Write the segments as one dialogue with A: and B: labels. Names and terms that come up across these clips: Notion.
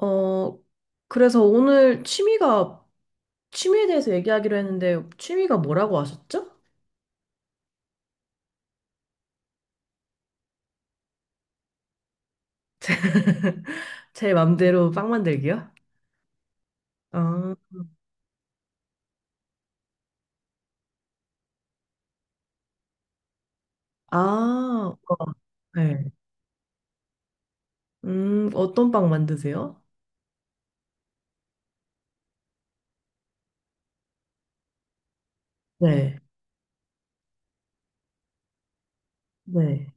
A: 어, 그래서 오늘 취미에 대해서 얘기하기로 했는데, 취미가 뭐라고 하셨죠? 제 맘대로 빵 만들기요? 아, 아, 네. 어떤 빵 만드세요? 네, 네,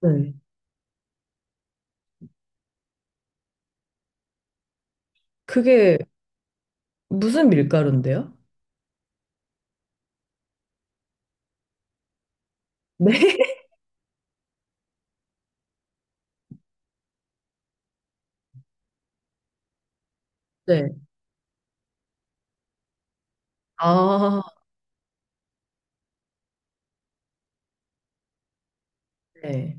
A: 네. 그게 무슨 밀가루인데요? 네, 네. 아, 네.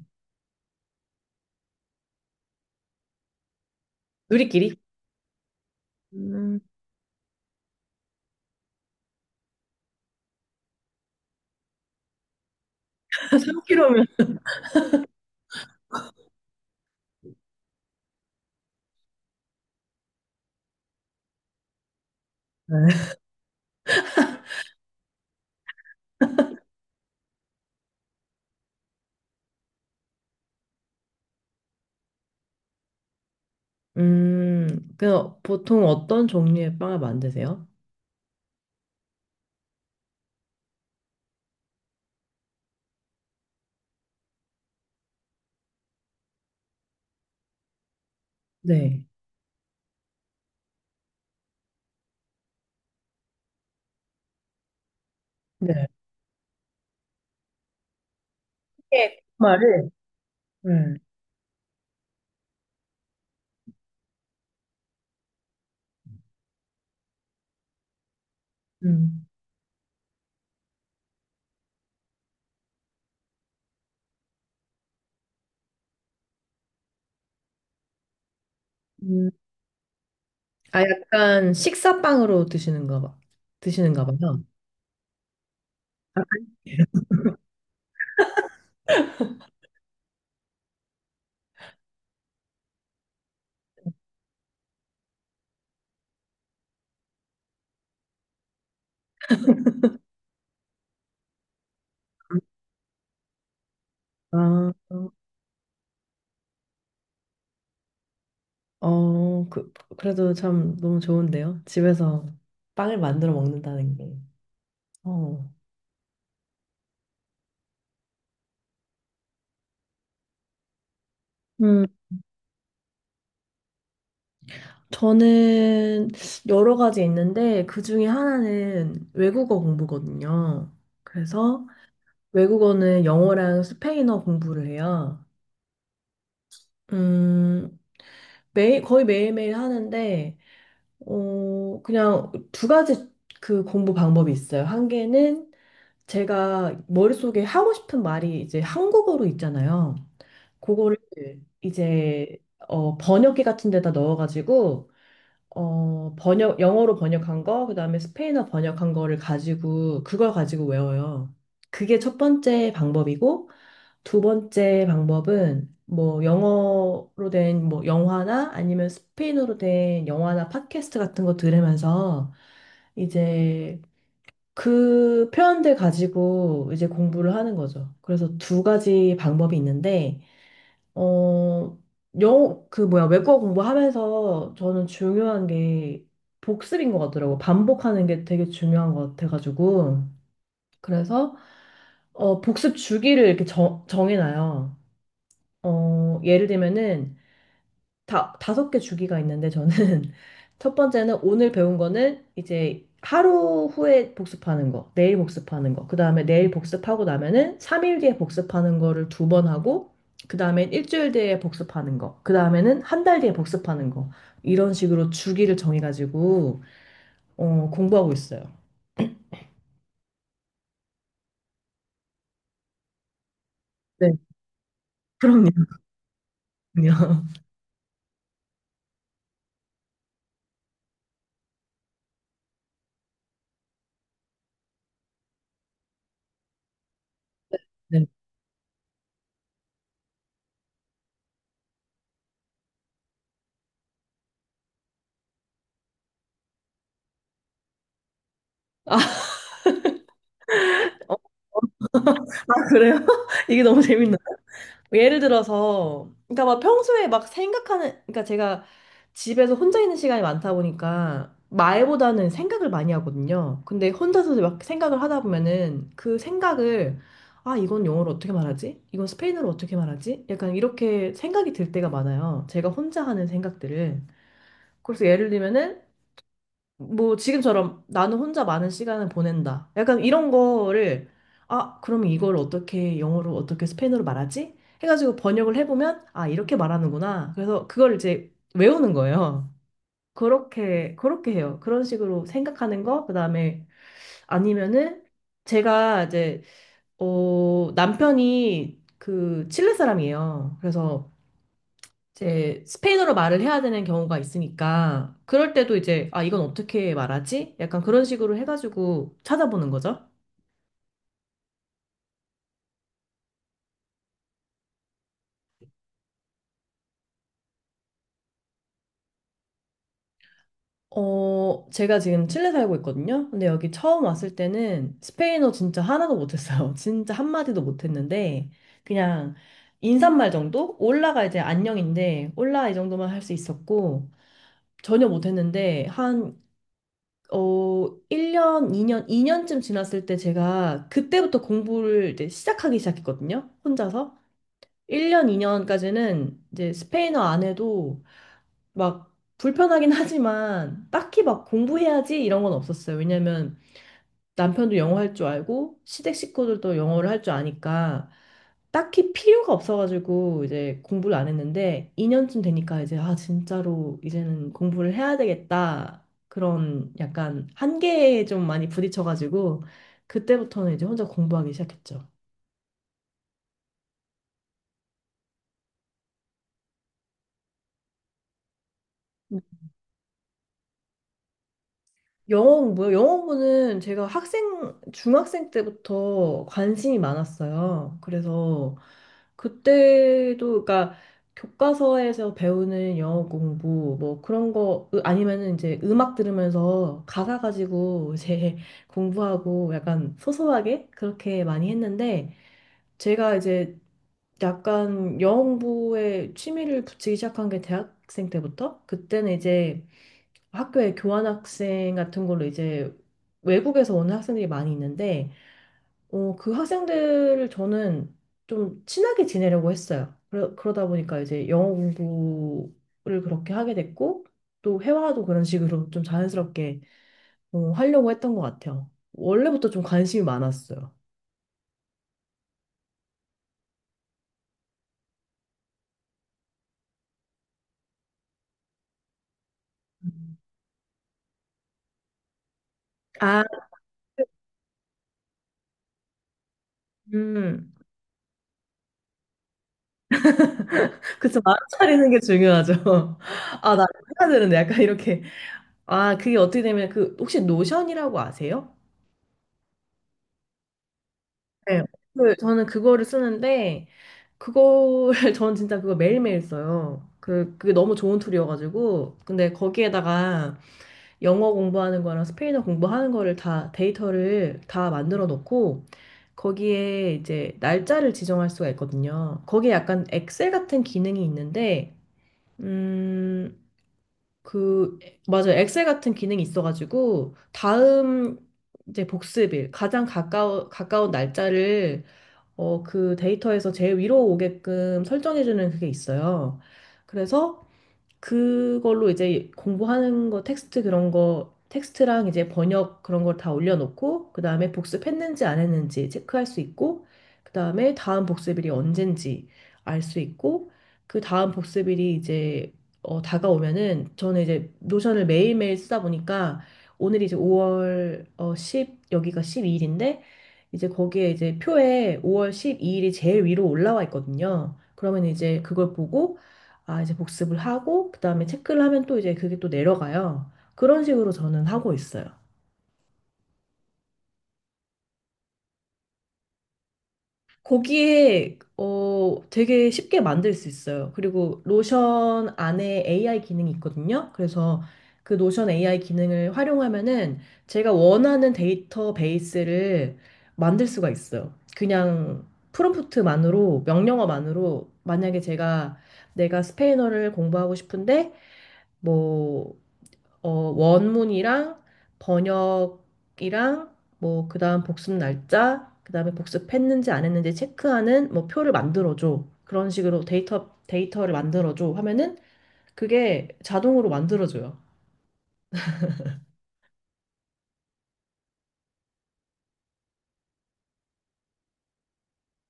A: 누리끼리? 음, 3kg면. 그냥 보통 어떤 종류의 빵을 만드세요? 네. 네. 이렇게 말을 음, 음. 음. 아, 약간 식사빵으로 드시는가 봐. 드시는가 봐요. 아, 아니에요? 아, 그래도 참 너무 좋은데요. 집에서 빵을 만들어 먹는다는 게. 어. 음, 저는 여러 가지 있는데 그 중에 하나는 외국어 공부거든요. 그래서 외국어는 영어랑 스페인어 공부를 해요. 음, 거의 매일매일 하는데 그냥 두 가지 그 공부 방법이 있어요. 한 개는 제가 머릿속에 하고 싶은 말이 이제 한국어로 있잖아요. 그거를 이제 번역기 같은 데다 넣어가지고 영어로 번역한 거, 그다음에 스페인어 번역한 거를 가지고 그걸 가지고 외워요. 그게 첫 번째 방법이고 두 번째 방법은 뭐 영어로 된 뭐 영화나 아니면 스페인어로 된 영화나 팟캐스트 같은 거 들으면서 이제 그 표현들 가지고 이제 공부를 하는 거죠. 그래서 두 가지 방법이 있는데 어 영어 그 뭐야 외국어 공부하면서 저는 중요한 게 복습인 것 같더라고. 반복하는 게 되게 중요한 것 같아가지고 그래서 복습 주기를 이렇게 정해놔요. 예를 들면은 다섯 개 주기가 있는데 저는 첫 번째는 오늘 배운 거는 이제 하루 후에 복습하는 거, 내일 복습하는 거, 그 다음에 내일 복습하고 나면은 3일 뒤에 복습하는 거를 두 번 하고, 그 다음에 일주일 뒤에 복습하는 거, 그 다음에는 한 달 뒤에 복습하는 거, 이런 식으로 주기를 정해가지고, 공부하고 있어요. 네, 그럼요, 그럼요. 네. 아, 그래요? 이게 너무 재밌네요. 뭐 예를 들어서, 그러니까 막 평소에 막 생각하는, 그러니까 제가 집에서 혼자 있는 시간이 많다 보니까 말보다는 생각을 많이 하거든요. 근데 혼자서 막 생각을 하다 보면은 그 생각을, 아, 이건 영어로 어떻게 말하지? 이건 스페인어로 어떻게 말하지? 약간 이렇게 생각이 들 때가 많아요. 제가 혼자 하는 생각들을. 그래서 예를 들면은 뭐 지금처럼 나는 혼자 많은 시간을 보낸다. 약간 이런 거를, 아, 그럼 이걸 어떻게 영어로 어떻게 스페인어로 말하지? 해가지고 번역을 해보면 아, 이렇게 말하는구나. 그래서 그걸 이제 외우는 거예요. 그렇게 해요. 그런 식으로 생각하는 거. 그다음에 아니면은 제가 이제 남편이 그 칠레 사람이에요. 그래서 이제 스페인어로 말을 해야 되는 경우가 있으니까 그럴 때도 이제 아, 이건 어떻게 말하지? 약간 그런 식으로 해가지고 찾아보는 거죠. 제가 지금 칠레 살고 있거든요. 근데 여기 처음 왔을 때는 스페인어 진짜 하나도 못했어요. 진짜 한마디도 못했는데 그냥 인사말 정도? 올라가 이제 안녕인데 올라 이 정도만 할 수 있었고 전혀 못했는데 한 1년, 2년, 2년쯤 지났을 때 제가 그때부터 공부를 이제 시작하기 시작했거든요. 혼자서. 1년, 2년까지는 이제 스페인어 안 해도 막 불편하긴 하지만 딱히 막 공부해야지 이런 건 없었어요. 왜냐면 남편도 영어 할 줄 알고 시댁 식구들도 영어를 할 줄 아니까 딱히 필요가 없어가지고 이제 공부를 안 했는데 2년쯤 되니까 이제, 아, 진짜로 이제는 공부를 해야 되겠다 그런 약간 한계에 좀 많이 부딪혀가지고 그때부터는 이제 혼자 공부하기 시작했죠. 영어 공부요? 영어 공부는 제가 중학생 때부터 관심이 많았어요. 그래서 그때도, 그러니까 교과서에서 배우는 영어 공부, 뭐 그런 거, 아니면은 이제 음악 들으면서 가사 가지고 이제 공부하고 약간 소소하게 그렇게 많이 했는데, 제가 이제 약간 영어 공부에 취미를 붙이기 시작한 게 대학생 때부터? 그때는 이제 학교에 교환학생 같은 걸로 이제 외국에서 오는 학생들이 많이 있는데 그 학생들을 저는 좀 친하게 지내려고 했어요. 그러다 보니까 이제 영어 공부를 그렇게 하게 됐고 또 회화도 그런 식으로 좀 자연스럽게 하려고 했던 것 같아요. 원래부터 좀 관심이 많았어요. 음. 아, 음, 그쵸. 마음 차리는 게 중요하죠. 아, 나 해야 되는데 약간 이렇게. 아, 그게 어떻게 되면 그 혹시 노션이라고 아세요? 네, 저는 그거를 쓰는데 그거를 저는 진짜 그거 매일매일 써요. 그게 너무 좋은 툴이어가지고 근데 거기에다가 영어 공부하는 거랑 스페인어 공부하는 거를 다 데이터를 다 만들어 놓고 거기에 이제 날짜를 지정할 수가 있거든요. 거기에 약간 엑셀 같은 기능이 있는데 음 그 맞아요. 엑셀 같은 기능이 있어가지고 다음 이제 복습일 가장 가까운 날짜를 그 데이터에서 제일 위로 오게끔 설정해주는 그게 있어요. 그래서 그걸로 이제 공부하는 거 텍스트 그런 거 텍스트랑 이제 번역 그런 걸 다 올려놓고 그 다음에 복습했는지 안 했는지 체크할 수 있고 그 다음에 다음 복습일이 언젠지 알 수 있고 그 다음 복습일이 이제 다가오면은 저는 이제 노션을 매일매일 쓰다 보니까 오늘이 이제 5월 10 여기가 12일인데 이제 거기에 이제 표에 5월 12일이 제일 위로 올라와 있거든요. 그러면 이제 그걸 보고 아, 이제 복습을 하고, 그 다음에 체크를 하면 또 이제 그게 또 내려가요. 그런 식으로 저는 하고 있어요. 거기에, 되게 쉽게 만들 수 있어요. 그리고 노션 안에 AI 기능이 있거든요. 그래서 그 노션 AI 기능을 활용하면은 제가 원하는 데이터베이스를 만들 수가 있어요. 그냥 프롬프트만으로, 명령어만으로, 만약에 제가 내가 스페인어를 공부하고 싶은데, 뭐 어, 원문이랑 번역이랑 뭐 그다음 복습 날짜, 그다음에 복습했는지 안 했는지 체크하는 뭐 표를 만들어 줘. 그런 식으로 데이터를 만들어 줘 하면은 그게 자동으로 만들어 줘요.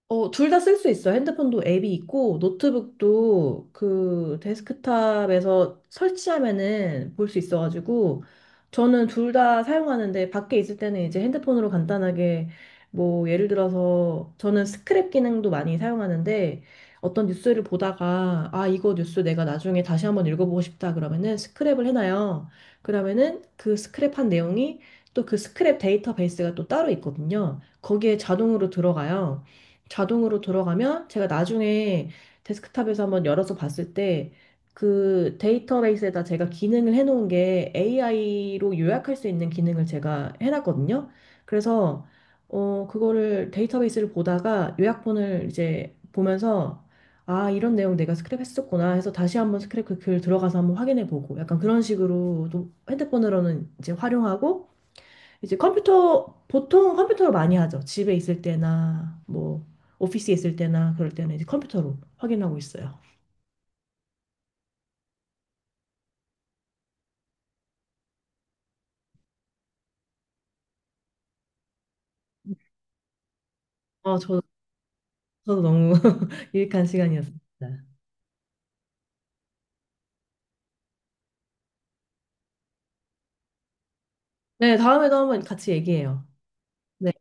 A: 둘 다 쓸 수 있어. 핸드폰도 앱이 있고, 노트북도 그 데스크탑에서 설치하면은 볼 수 있어가지고, 저는 둘 다 사용하는데, 밖에 있을 때는 이제 핸드폰으로 간단하게, 뭐, 예를 들어서, 저는 스크랩 기능도 많이 사용하는데, 어떤 뉴스를 보다가, 아, 이거 뉴스 내가 나중에 다시 한번 읽어보고 싶다. 그러면은 스크랩을 해놔요. 그러면은 그 스크랩한 내용이 또 그 스크랩 데이터베이스가 또 따로 있거든요. 거기에 자동으로 들어가요. 자동으로 들어가면 제가 나중에 데스크탑에서 한번 열어서 봤을 때 그 데이터베이스에다 제가 기능을 해놓은 게 AI로 요약할 수 있는 기능을 제가 해놨거든요. 그래서 그거를 데이터베이스를 보다가 요약본을 이제 보면서 아, 이런 내용 내가 스크랩했었구나 해서 다시 한번 스크랩 그 글 들어가서 한번 확인해 보고 약간 그런 식으로 또 핸드폰으로는 이제 활용하고 이제 보통 컴퓨터로 많이 하죠. 집에 있을 때나, 뭐, 오피스에 있을 때나, 그럴 때는 이제 컴퓨터로 확인하고 있어요. 어, 저, 저도 너무 유익한 시간이었습니다. 네, 다음에도 한번 같이 얘기해요. 네.